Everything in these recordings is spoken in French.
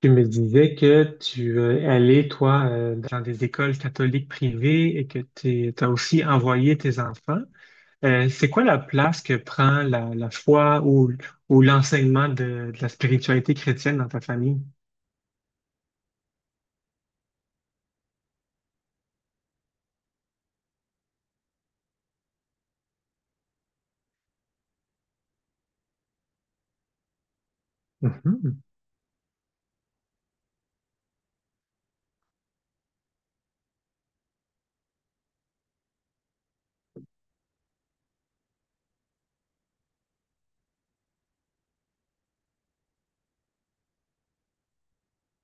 Tu me disais que tu es allé, toi, dans des écoles catholiques privées et que tu as aussi envoyé tes enfants. C'est quoi la place que prend la foi ou l'enseignement de la spiritualité chrétienne dans ta famille? Mhm,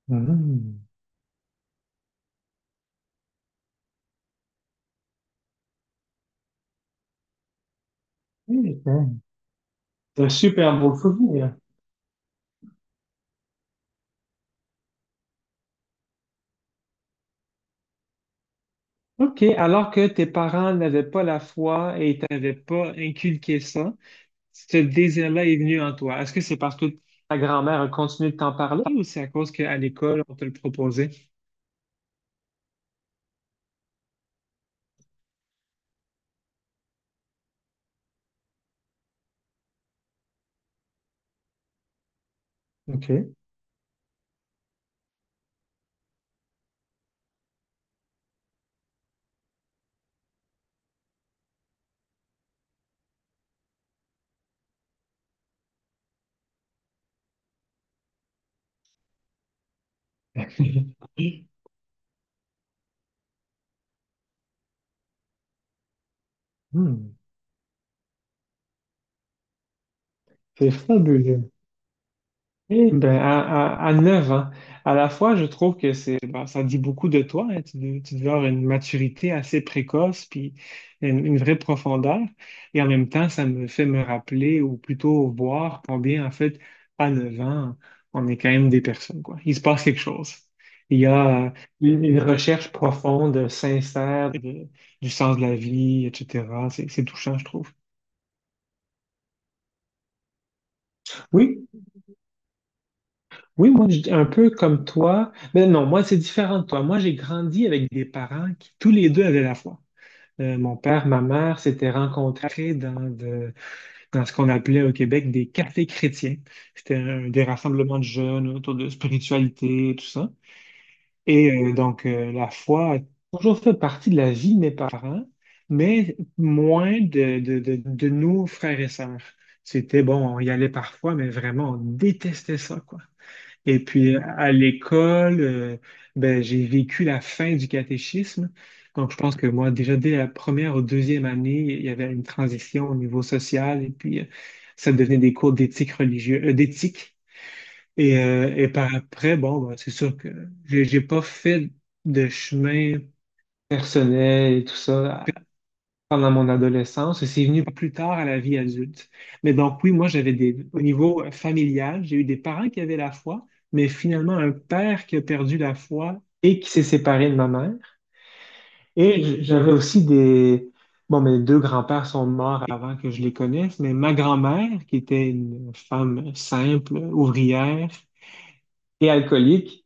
mhm. Oui, c'est un super beau souvenir. OK, alors que tes parents n'avaient pas la foi et t'avaient pas inculqué ça, ce désir-là est venu en toi? Est-ce que c'est parce que ta grand-mère a continué de t'en parler ou c'est à cause qu'à l'école, on te le proposait? OK. Hmm. C'est fabuleux. Eh ben, à 9 ans, à la fois, je trouve que c'est, ben, ça dit beaucoup de toi, hein. Tu dois avoir une maturité assez précoce, puis une vraie profondeur. Et en même temps, ça me fait me rappeler, ou plutôt voir combien, en fait, à 9 ans, on est quand même des personnes, quoi. Il se passe quelque chose. Il y a une recherche profonde, sincère, du sens de la vie, etc. C'est touchant, je trouve. Oui, oui, moi, un peu comme toi. Mais non, moi, c'est différent de toi. Moi, j'ai grandi avec des parents qui, tous les deux, avaient la foi. Mon père, ma mère s'étaient rencontrés dans ce qu'on appelait au Québec des cafés chrétiens. C'était des rassemblements de jeunes autour de spiritualité, tout ça. Et donc, la foi a toujours fait partie de la vie de mes parents, mais moins de nos frères et sœurs. C'était, bon, on y allait parfois, mais vraiment, on détestait ça, quoi. Et puis à l'école, ben, j'ai vécu la fin du catéchisme. Donc je pense que moi, déjà dès la première ou deuxième année, il y avait une transition au niveau social et puis ça devenait des cours d'éthique religieuse, d'éthique. Et par après, bon, ben, c'est sûr que j'ai pas fait de chemin personnel et tout ça pendant mon adolescence et c'est venu plus tard à la vie adulte. Mais donc oui, moi j'avais des au niveau familial, j'ai eu des parents qui avaient la foi, mais finalement un père qui a perdu la foi et qui s'est séparé de ma mère. Et j'avais aussi des bon, mes deux grands-pères sont morts avant que je les connaisse, mais ma grand-mère qui était une femme simple, ouvrière et alcoolique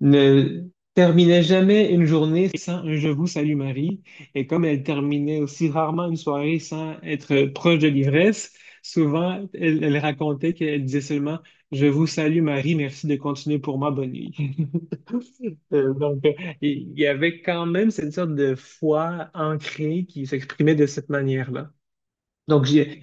ne terminait jamais une journée sans un Je vous salue Marie. Et comme elle terminait aussi rarement une soirée sans être proche de l'ivresse, souvent elle racontait qu'elle disait seulement Je vous salue Marie, merci de continuer pour moi, bonne nuit. Donc, il y avait quand même cette sorte de foi ancrée qui s'exprimait de cette manière-là. Donc,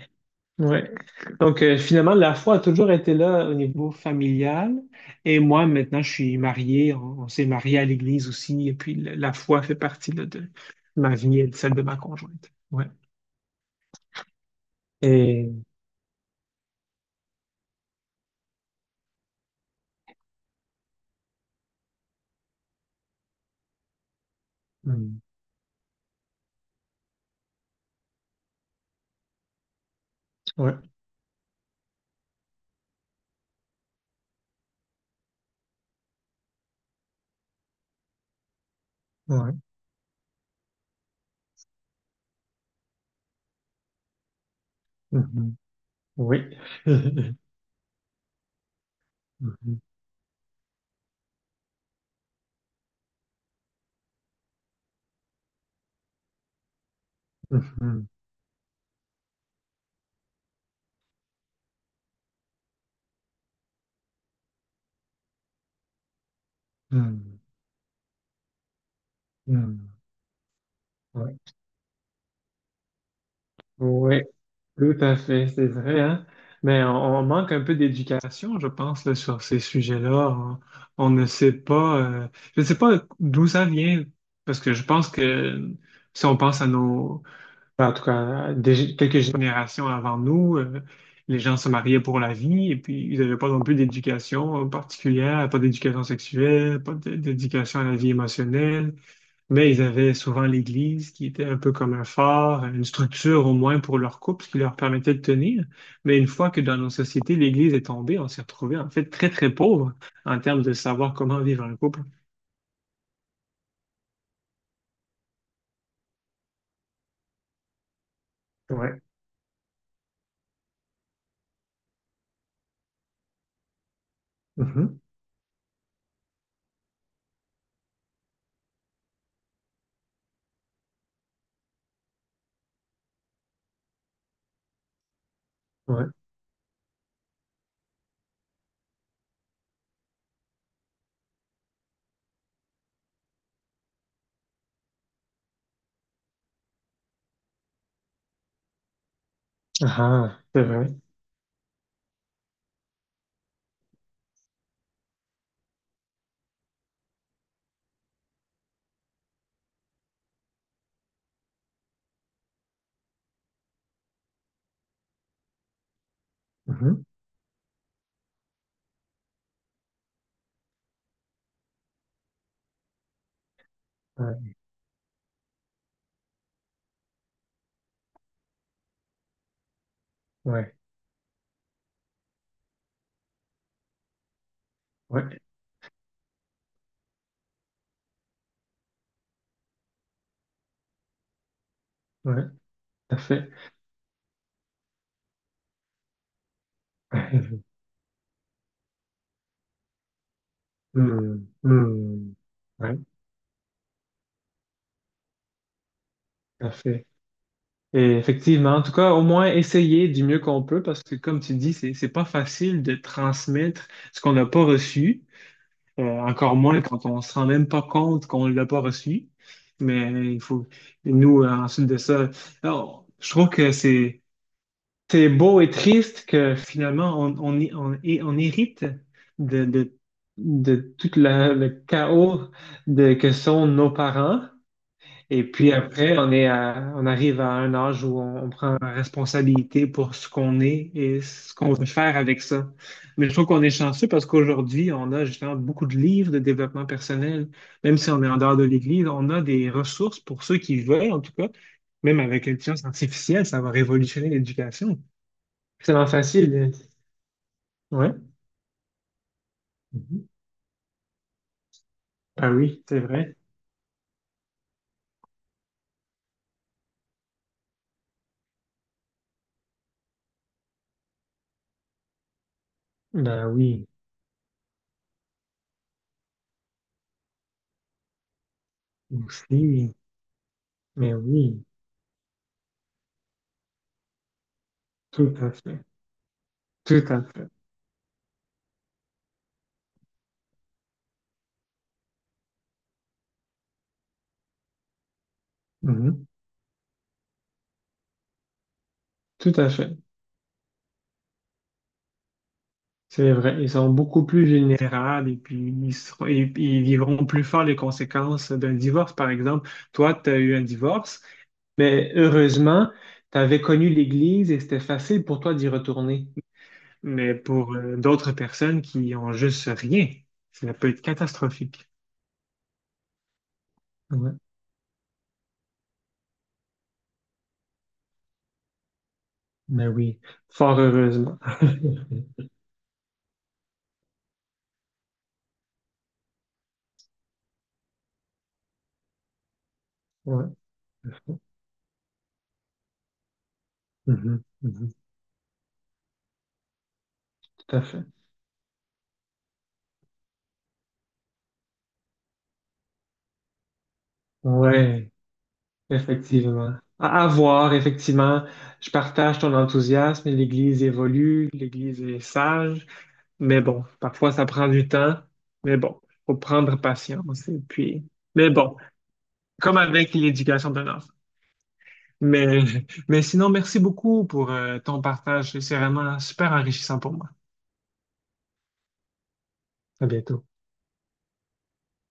ouais. Donc, finalement, la foi a toujours été là au niveau familial. Et moi, maintenant, je suis marié. On s'est marié à l'église aussi. Et puis, la foi fait partie là, de ma vie et de celle de ma conjointe. Ouais. Et. Mm. Ouais. Ouais. Mhm. Oui. Mhm, mhm, mhm, mhm. Ouais. Ouais. Tout à fait, c'est vrai, hein? Mais on manque un peu d'éducation, je pense, là, sur ces sujets-là. On ne sait pas, je ne sais pas d'où ça vient, parce que je pense que si on pense à enfin, en tout cas, quelques générations avant nous, les gens se mariaient pour la vie et puis ils n'avaient pas non plus d'éducation particulière, pas d'éducation sexuelle, pas d- d'éducation à la vie émotionnelle, mais ils avaient souvent l'Église qui était un peu comme un phare, une structure au moins pour leur couple, ce qui leur permettait de tenir. Mais une fois que dans nos sociétés, l'Église est tombée, on s'est retrouvé en fait très très pauvre en termes de savoir comment vivre un couple. Ouais. Mhm. Ouais. Ah, c'est vrai. Mhm. Ouais. Ouais. Ouais. Ouais. Tout à fait. Hmm, hmm. Ouais, tout à fait. Et effectivement, en tout cas, au moins essayer du mieux qu'on peut parce que, comme tu dis, c'est pas facile de transmettre ce qu'on n'a pas reçu, encore moins quand on se rend même pas compte qu'on l'a pas reçu. Mais il faut, nous, ensuite de ça, alors, je trouve que c'est beau et triste que finalement, on hérite de, de, de tout le chaos que sont nos parents. Et puis après, on arrive à un âge où on prend responsabilité pour ce qu'on est et ce qu'on veut faire avec ça. Mais je trouve qu'on est chanceux parce qu'aujourd'hui, on a justement beaucoup de livres de développement personnel. Même si on est en dehors de l'Église, on a des ressources pour ceux qui veulent, en tout cas. Même avec l'intelligence artificielle, ça va révolutionner l'éducation. C'est vraiment facile. Ouais. Mhm. Ah oui, c'est vrai. Ben oui, aussi. Mais oui, tout à fait. Tout à fait. Mhm. Tout à fait. C'est vrai, ils sont beaucoup plus vulnérables et puis ils, seront- et ils vivront plus fort les conséquences d'un divorce. Par exemple, toi, tu as eu un divorce, mais heureusement, tu avais connu l'Église et c'était facile pour toi d'y retourner. Mais pour d'autres personnes qui ont juste rien, ça peut être catastrophique. Ouais. Mais oui, fort heureusement. Ouais. Mhm, mhm. Tout à fait. Ouais. Effectivement. À voir, effectivement, je partage ton enthousiasme. L'Église évolue, l'Église est sage, mais bon, parfois ça prend du temps, mais bon, faut prendre patience. Et puis, mais bon, comme avec l'éducation d'un enfant. Mais, mais sinon, merci beaucoup pour ton partage. C'est vraiment super enrichissant pour moi. À bientôt.